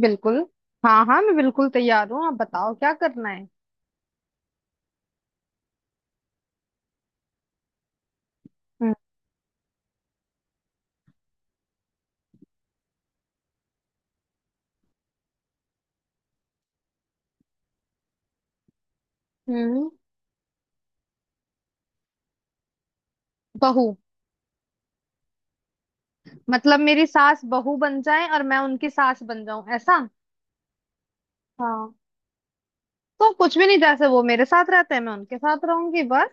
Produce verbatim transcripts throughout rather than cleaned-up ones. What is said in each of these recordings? बिल्कुल। हाँ हाँ, मैं बिल्कुल तैयार हूँ। आप बताओ क्या करना है। हम्म। हम्म। बहू। मतलब मेरी सास बहू बन जाए और मैं उनकी सास बन जाऊं, ऐसा। हाँ। तो कुछ भी नहीं, जैसे वो मेरे साथ रहते हैं मैं उनके साथ रहूंगी बस।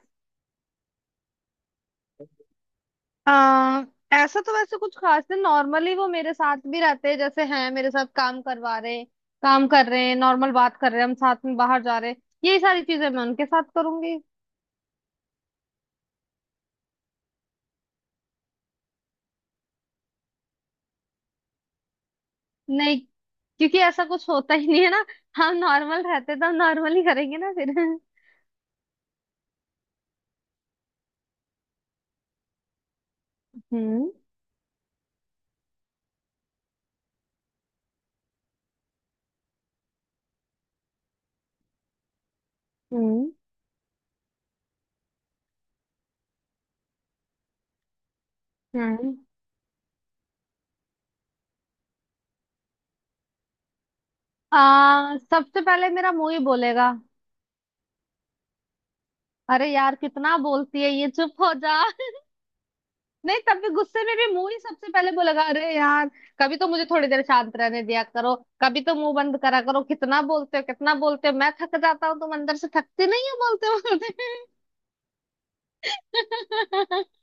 आ, ऐसा तो वैसे कुछ खास नहीं। नॉर्मली वो मेरे साथ भी रहते हैं, जैसे हैं मेरे साथ काम करवा रहे, काम कर रहे हैं, नॉर्मल बात कर रहे हैं, हम साथ में बाहर जा रहे हैं। यही सारी चीजें मैं उनके साथ करूंगी। नहीं, क्योंकि ऐसा कुछ होता ही नहीं है ना। हम नॉर्मल रहते तो हम नॉर्मल ही करेंगे ना फिर। हम्म। हम्म। हम्म। आ सबसे पहले मेरा मुंह ही बोलेगा। अरे यार कितना बोलती है ये, चुप हो जा। नहीं, तब भी गुस्से में भी मुंह ही सबसे पहले बोलेगा। अरे यार, कभी तो मुझे थोड़ी देर शांत रहने दिया करो। कभी तो मुंह बंद करा करो। कितना बोलते हो कितना बोलते हो, मैं थक जाता हूँ। तुम अंदर से थकते नहीं हो बोलते बोलते।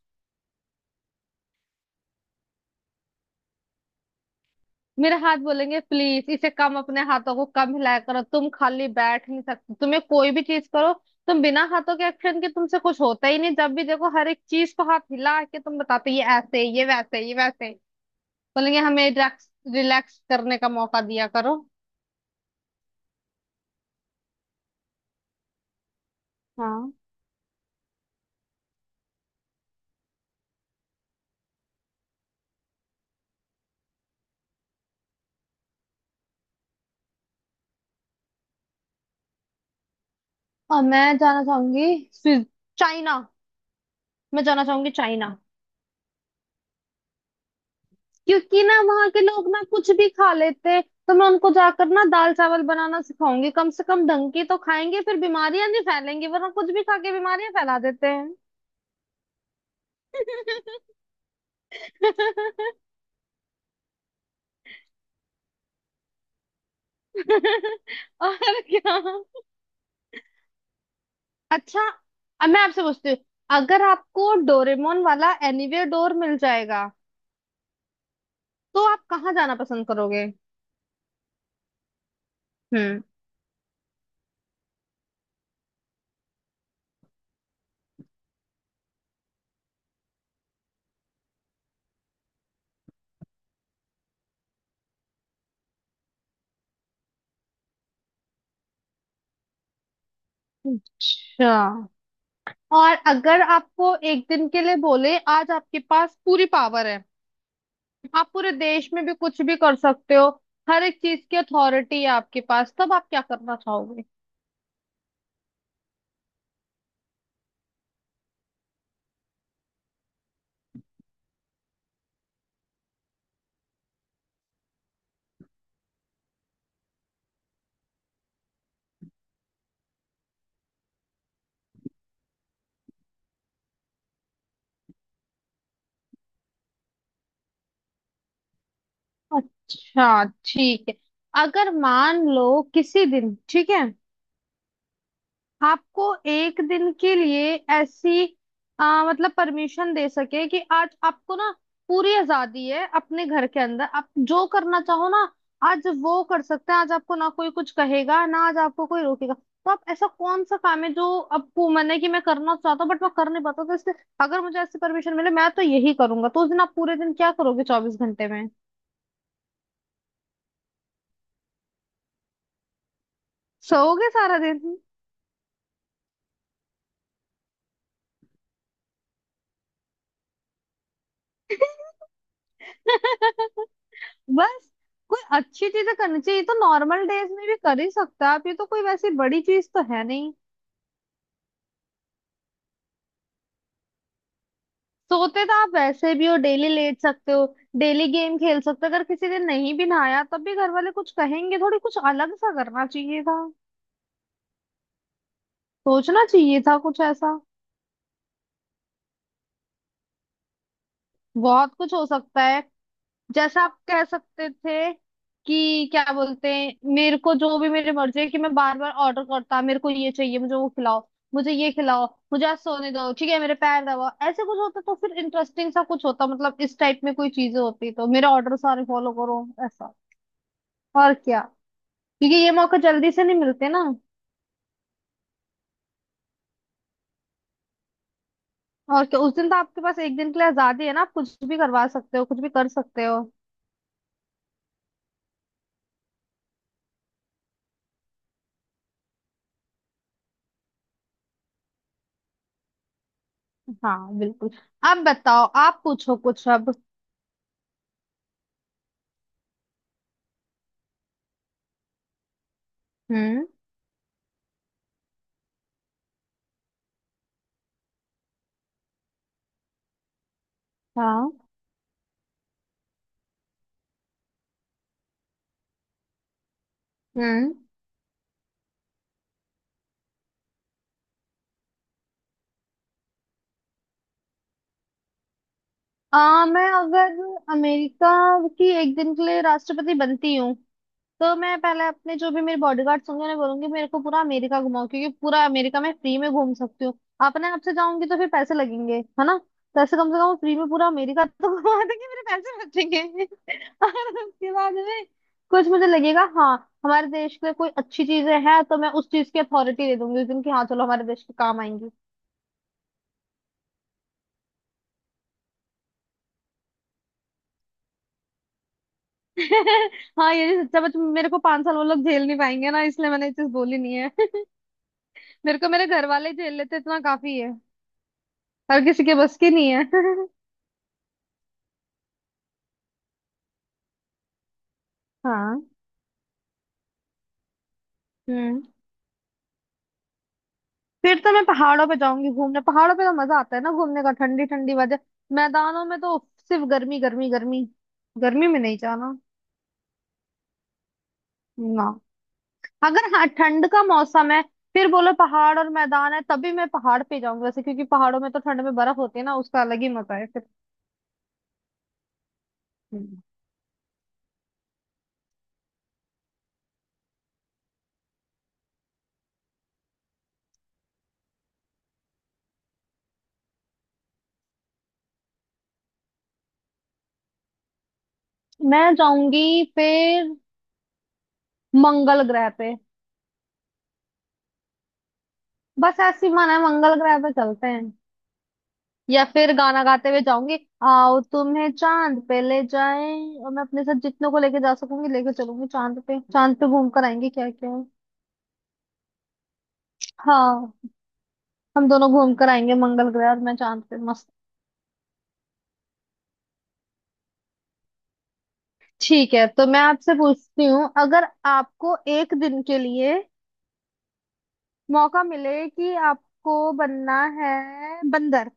मेरे हाथ बोलेंगे, प्लीज इसे कम, अपने हाथों को कम हिलाया करो। तुम खाली बैठ नहीं सकते, तुम्हें कोई भी चीज करो, तुम बिना हाथों के एक्शन के तुमसे कुछ होता ही नहीं। जब भी देखो हर एक चीज को हाथ हिला के तुम बताते, ये ऐसे, ये वैसे, ये वैसे। बोलेंगे हमें रिलैक्स, रिलैक्स करने का मौका दिया करो। हाँ। और मैं जाना चाहूंगी स्विज- चाइना। मैं जाना चाहूंगी चाइना। क्योंकि ना वहां के लोग ना कुछ भी खा लेते हैं। तो मैं उनको जाकर ना दाल चावल बनाना सिखाऊंगी, कम से कम ढंग की तो खाएंगे, फिर बीमारियां नहीं फैलेंगी, वरना कुछ भी खा के बीमारियां फैला देते हैं। और क्या। अच्छा, अब मैं आपसे पूछती हूँ, अगर आपको डोरेमोन वाला एनीवेयर डोर मिल जाएगा तो आप कहाँ जाना पसंद करोगे। हम्म। अच्छा। और अगर आपको एक दिन के लिए बोले आज आपके पास पूरी पावर है, आप पूरे देश में भी कुछ भी कर सकते हो, हर एक चीज की अथॉरिटी है आपके पास, तब आप क्या करना चाहोगे। अच्छा। ठीक है। अगर मान लो किसी दिन, ठीक है, आपको एक दिन के लिए ऐसी आ, मतलब परमिशन दे सके कि आज आपको ना पूरी आजादी है, अपने घर के अंदर आप जो करना चाहो ना, आज वो कर सकते हैं। आज आपको ना कोई कुछ कहेगा, ना आज आपको कोई रोकेगा। तो आप ऐसा कौन सा काम है जो आपको मन है कि मैं करना चाहता हूँ बट मैं कर नहीं पाता तो इसलिए अगर मुझे ऐसी परमिशन मिले मैं तो यही करूंगा, तो उस दिन आप पूरे दिन क्या करोगे चौबीस घंटे में? सोओगे सारा दिन? बस। कोई अच्छी चीजें करनी चाहिए। ये तो नॉर्मल डेज में भी कर ही सकते हो आप। ये तो कोई वैसी बड़ी चीज तो है नहीं। सोते तो आप वैसे भी हो डेली, लेट सकते हो, डेली गेम खेल सकते हो। अगर किसी दिन नहीं भी नहाया तब भी घर वाले कुछ कहेंगे थोड़ी, कुछ अलग सा करना चाहिए था। सोचना चाहिए था कुछ ऐसा। बहुत कुछ हो सकता है। जैसा, आप कह सकते थे कि क्या बोलते हैं मेरे को, जो भी मेरी मर्जी है कि मैं बार बार ऑर्डर करता, मेरे को ये चाहिए, मुझे वो खिलाओ, मुझे ये खिलाओ, मुझे आज सोने दो, ठीक है मेरे पैर दबाओ। ऐसे कुछ होता तो फिर इंटरेस्टिंग सा कुछ होता। मतलब इस टाइप में कोई चीजें होती तो मेरे ऑर्डर सारे फॉलो करो, ऐसा। और क्या। क्योंकि ये मौके जल्दी से नहीं मिलते ना। और क्या, उस दिन तो आपके पास एक दिन के लिए आजादी है ना, आप कुछ भी करवा सकते हो, कुछ भी कर सकते हो। हाँ बिल्कुल। अब बताओ, आप पूछो कुछ अब। हम्म। हाँ। हम्म। आ, मैं अगर अमेरिका की एक दिन के लिए राष्ट्रपति बनती हूँ तो मैं पहले अपने जो भी मेरे बॉडीगार्ड्स होंगे उन्हें बोलूंगी मेरे को पूरा अमेरिका घुमाओ, क्योंकि पूरा अमेरिका मैं फ्री में घूम सकती हूँ। अपने आप से जाऊंगी तो फिर पैसे लगेंगे है ना, तो ऐसे कम से कम फ्री में पूरा अमेरिका तो घुमा देंगे, मेरे पैसे बचेंगे। और उसके बाद में कुछ मुझे लगेगा हाँ हमारे देश के लिए कोई अच्छी चीजें हैं तो मैं उस चीज की अथॉरिटी दे दूंगी उस दिन की, हाँ चलो हमारे देश के काम आएंगी। हाँ ये भी सच्चा बच, मेरे को पांच साल वो लोग झेल नहीं पाएंगे ना, इसलिए मैंने ये चीज बोली नहीं है। मेरे को मेरे घर वाले झेल लेते इतना काफी है। हर किसी के बस की नहीं है। हाँ। हम्म। फिर तो मैं पहाड़ों पे जाऊंगी घूमने, पहाड़ों पे तो मजा आता है ना घूमने का, ठंडी ठंडी वजह। मैदानों में तो सिर्फ गर्मी गर्मी गर्मी। गर्मी में नहीं जाना। ना। अगर हाँ ठंड का मौसम है फिर बोलो पहाड़ और मैदान है तभी मैं पहाड़ पे जाऊंगी वैसे, क्योंकि पहाड़ों में तो ठंड में बर्फ होती है ना, उसका अलग ही मजा है फिर। हम्म। मैं जाऊंगी फिर मंगल ग्रह पे। बस ऐसी मन है मंगल ग्रह पे चलते हैं। या फिर गाना गाते हुए जाऊंगी, आओ तुम्हें चांद पे ले जाए, और मैं अपने साथ जितनों को लेके जा सकूंगी लेके चलूंगी चांद पे, चांद पे घूम कर आएंगे क्या क्या। हाँ। हम दोनों घूम कर आएंगे, मंगल ग्रह और मैं चांद पे मस्त। ठीक है, तो मैं आपसे पूछती हूँ, अगर आपको एक दिन के लिए मौका मिले कि आपको बनना है बंदर,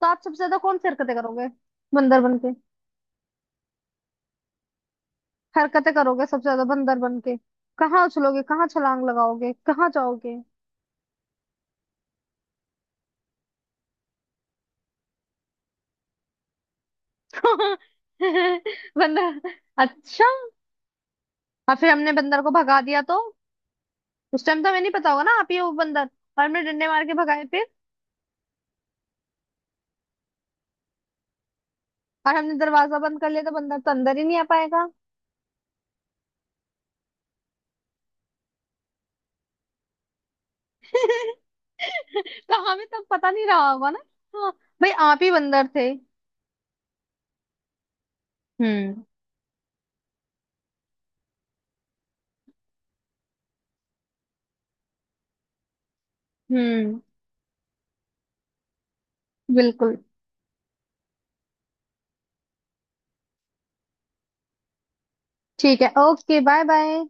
तो आप सबसे ज्यादा कौन सी हरकतें करोगे बंदर बन के, हरकतें करोगे सबसे ज्यादा बंदर बन के, कहाँ उछलोगे, कहाँ छलांग लगाओगे, कहाँ जाओगे। बंदर? अच्छा। और फिर हमने बंदर को भगा दिया तो? उस टाइम तो हमें नहीं पता होगा ना आप ही हो वो बंदर। और हमने डंडे मार के भगाए फिर। और हमने दरवाजा बंद कर लिया तो बंदर तो अंदर ही नहीं आ पाएगा। तो हमें तब पता नहीं रहा होगा ना। हाँ, भाई आप ही बंदर थे। हम्म। हम्म। बिल्कुल। ठीक है ओके, बाय बाय।